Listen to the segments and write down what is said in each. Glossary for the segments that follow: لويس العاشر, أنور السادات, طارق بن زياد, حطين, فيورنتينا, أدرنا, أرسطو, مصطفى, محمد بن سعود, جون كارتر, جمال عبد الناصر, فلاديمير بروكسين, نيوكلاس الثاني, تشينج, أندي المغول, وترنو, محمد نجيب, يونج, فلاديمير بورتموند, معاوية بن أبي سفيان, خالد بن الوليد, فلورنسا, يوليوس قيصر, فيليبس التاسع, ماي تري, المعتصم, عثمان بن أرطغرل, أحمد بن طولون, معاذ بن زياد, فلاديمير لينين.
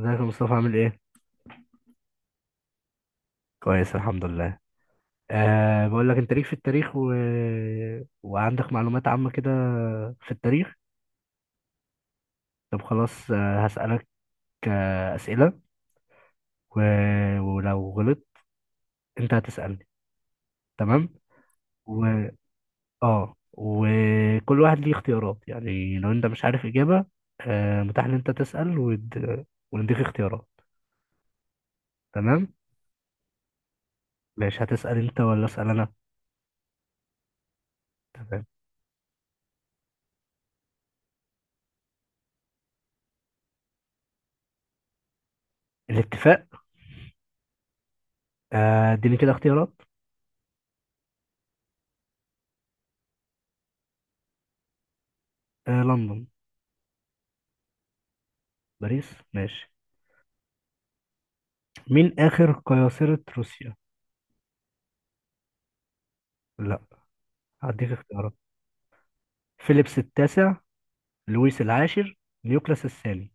ازيك يا مصطفى، عامل ايه؟ كويس، الحمد لله. بقول لك، انت ليك في التاريخ وعندك معلومات عامة كده في التاريخ. طب خلاص، هسألك أسئلة، و... ولو غلط، انت هتسألني، تمام؟ و... اه، وكل واحد ليه اختيارات، يعني لو انت مش عارف إجابة، متاح ان انت تسأل ونديك اختيارات، تمام؟ ماشي، هتسأل انت ولا أسأل انا؟ تمام. الاتفاق. اديني كده اختيارات. لندن. باريس، ماشي. مين آخر قياصرة روسيا؟ لا، هديك اختيارات. فيليبس التاسع، لويس العاشر، نيوكلاس الثاني.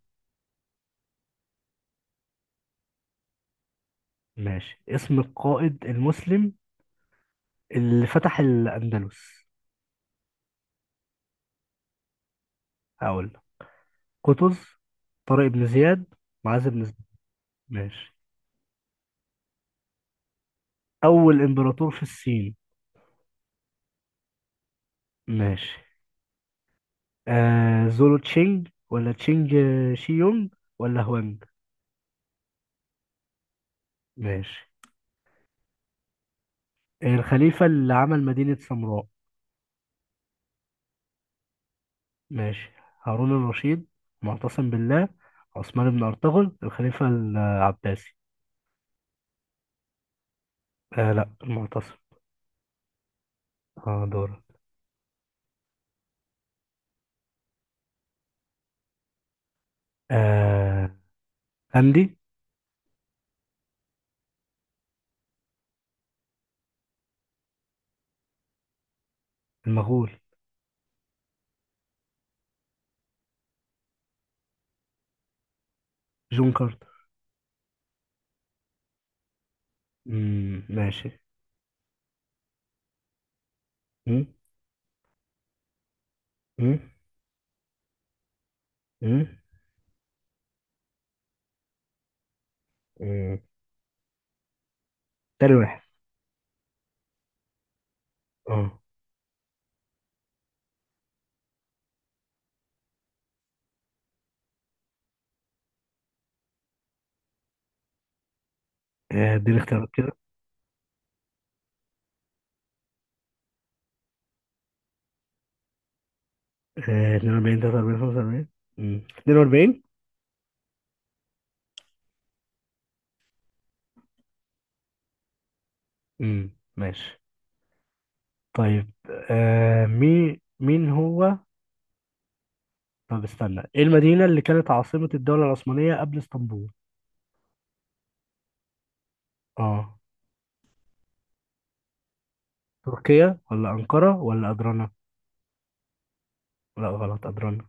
ماشي، اسم القائد المسلم اللي فتح الأندلس. هقول لك. قطز، طارق بن زياد، معاذ بن زياد. ماشي، أول إمبراطور في الصين. ماشي، آه زولو تشينج ولا تشينج، شي يونج ولا هوانج. ماشي، الخليفة اللي عمل مدينة سامراء. ماشي، هارون الرشيد، معتصم بالله، عثمان بن أرطغرل الخليفة العباسي. آه، لا، المعتصم. اه، دورك. آه، أندي. المغول. جون كارتر. مم، ماشي. مم، مم، مم، مم. تاني واحد. اه. اديني اختيارات كده. 42 43 45. 42. مم، ماشي، طيب. آه مين مين هو طب استنى، ايه المدينة اللي كانت عاصمة الدولة العثمانية قبل اسطنبول؟ اه. تركيا ولا أنقرة ولا أدرنا. لا، غلط، أدرنا.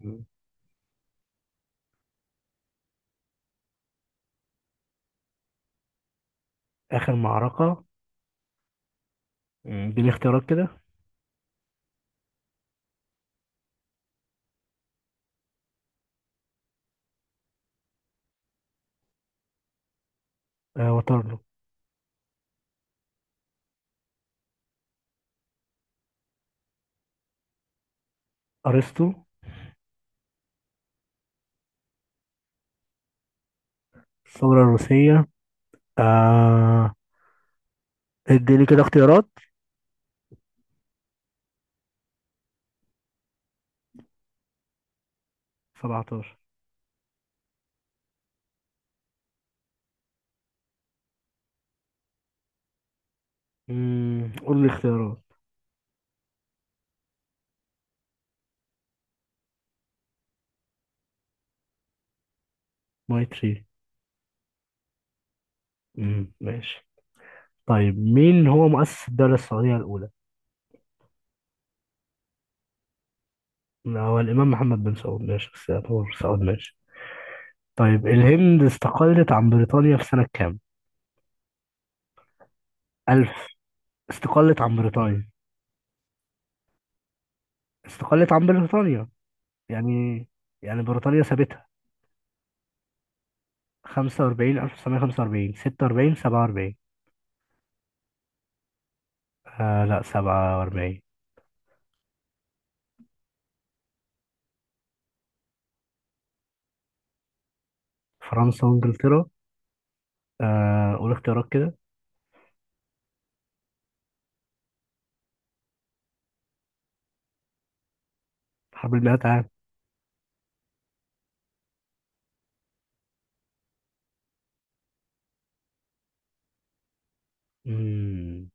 مم. آخر معركة. دي الاختيارات كده. وترنو. أرسطو. الثورة الروسية، آه اديني كده اختيارات. 17. قول لي اختيارات. ماي تري. مم، ماشي. طيب مين هو مؤسس الدولة السعودية الأولى؟ لا، هو الإمام محمد بن سعود، ماشي بس يعتبر سعود، ماشي. طيب الهند استقلت عن بريطانيا في سنة كام؟ 1000. استقلت عن بريطانيا استقلت عن بريطانيا. يعني يعني بريطانيا سابتها. 45، 1945، 46، 47. لا، 47. فرنسا وانجلترا. قول اختيارات كده. حرب المئات عام. مم.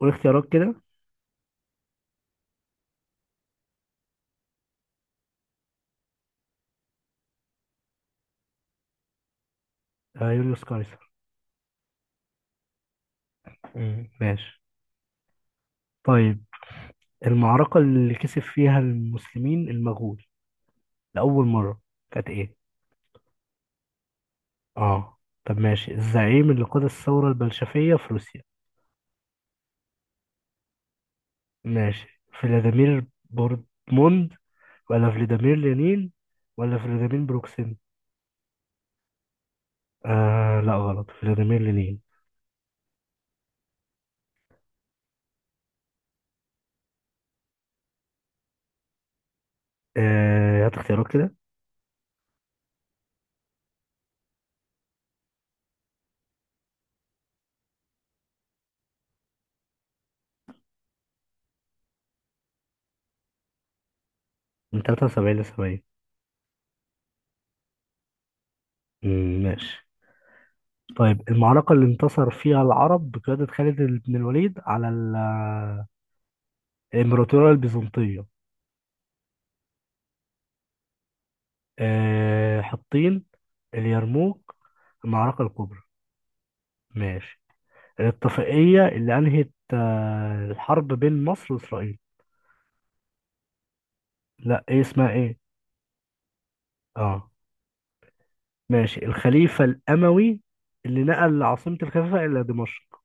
قول اختيارات كده. يوليوس قيصر. مم، ماشي. طيب المعركة اللي كسب فيها المسلمين المغول لأول مرة كانت ايه؟ اه، طب ماشي. الزعيم اللي قاد الثورة البلشفية في روسيا. ماشي، فلاديمير بورتموند ولا فلاديمير لينين ولا فلاديمير بروكسين. لا، غلط، فلاديمير لينين. هات اختيارات كده. من 73 ل 70. مم، ماشي. طيب المعركة اللي انتصر فيها العرب بقيادة خالد بن الوليد على الإمبراطورية البيزنطية. حطين، اليرموك، المعركة الكبرى. ماشي. الاتفاقية اللي أنهت الحرب بين مصر وإسرائيل. لا، ايه اسمها، ايه؟ اه، ماشي. الخليفة الأموي اللي نقل عاصمة الخلافة إلى دمشق.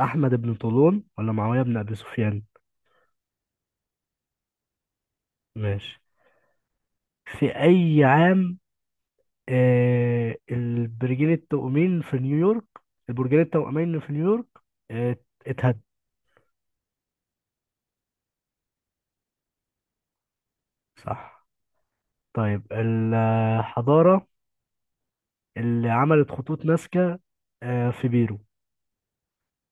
أحمد بن طولون ولا معاوية بن أبي سفيان. ماشي، في أي عام البرجين التوأمين في نيويورك. البرجين التوأمين في نيويورك آه اتهد. صح. طيب الحضارة اللي عملت خطوط نازكا في بيرو،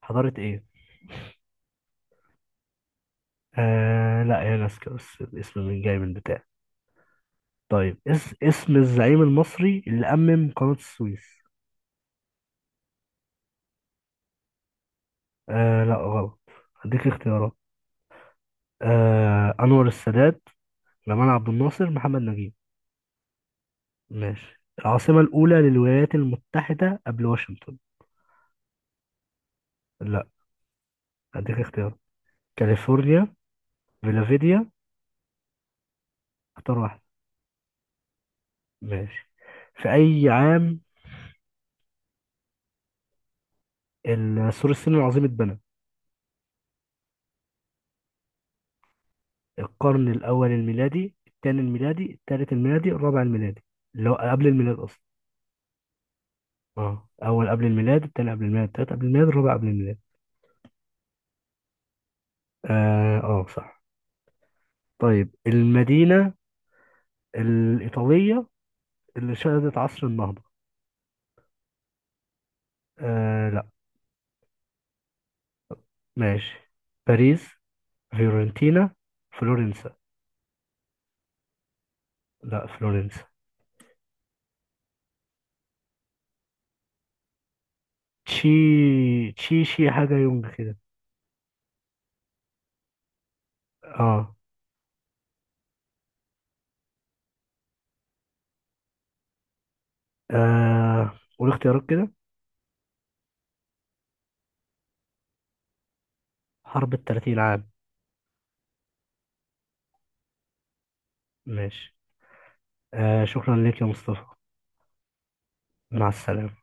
حضارة إيه؟ لا، هي نازكا، بس الاسم من جاي من بتاع. طيب، اسم الزعيم المصري اللي أمم قناة السويس. لا، غلط. هديك اختيارات. أنور السادات، جمال عبد الناصر، محمد نجيب. ماشي. العاصمة الأولى للولايات المتحدة قبل واشنطن. لا، هديك اختيارات. كاليفورنيا، فيلافيديا. اختار واحد. ماشي، في أي عام سور الصين العظيم اتبنى؟ القرن الأول الميلادي، الثاني الميلادي، الثالث الميلادي، الرابع الميلادي، اللي هو قبل الميلاد أصلا. اه، اول قبل الميلاد، التاني قبل الميلاد، التالت قبل الميلاد، الرابع قبل الميلاد. اه، اه، صح. طيب، المدينة الإيطالية اللي شهدت عصر النهضة. لا. ماشي، باريس، فيورنتينا، فلورنسا. لا، فلورنسا. تشي تشي شي حاجة يونج كده. اه آه، قول اختيارات كده. حرب التلاتين عام. ماشي. شكرا لك يا مصطفى. مع السلامة.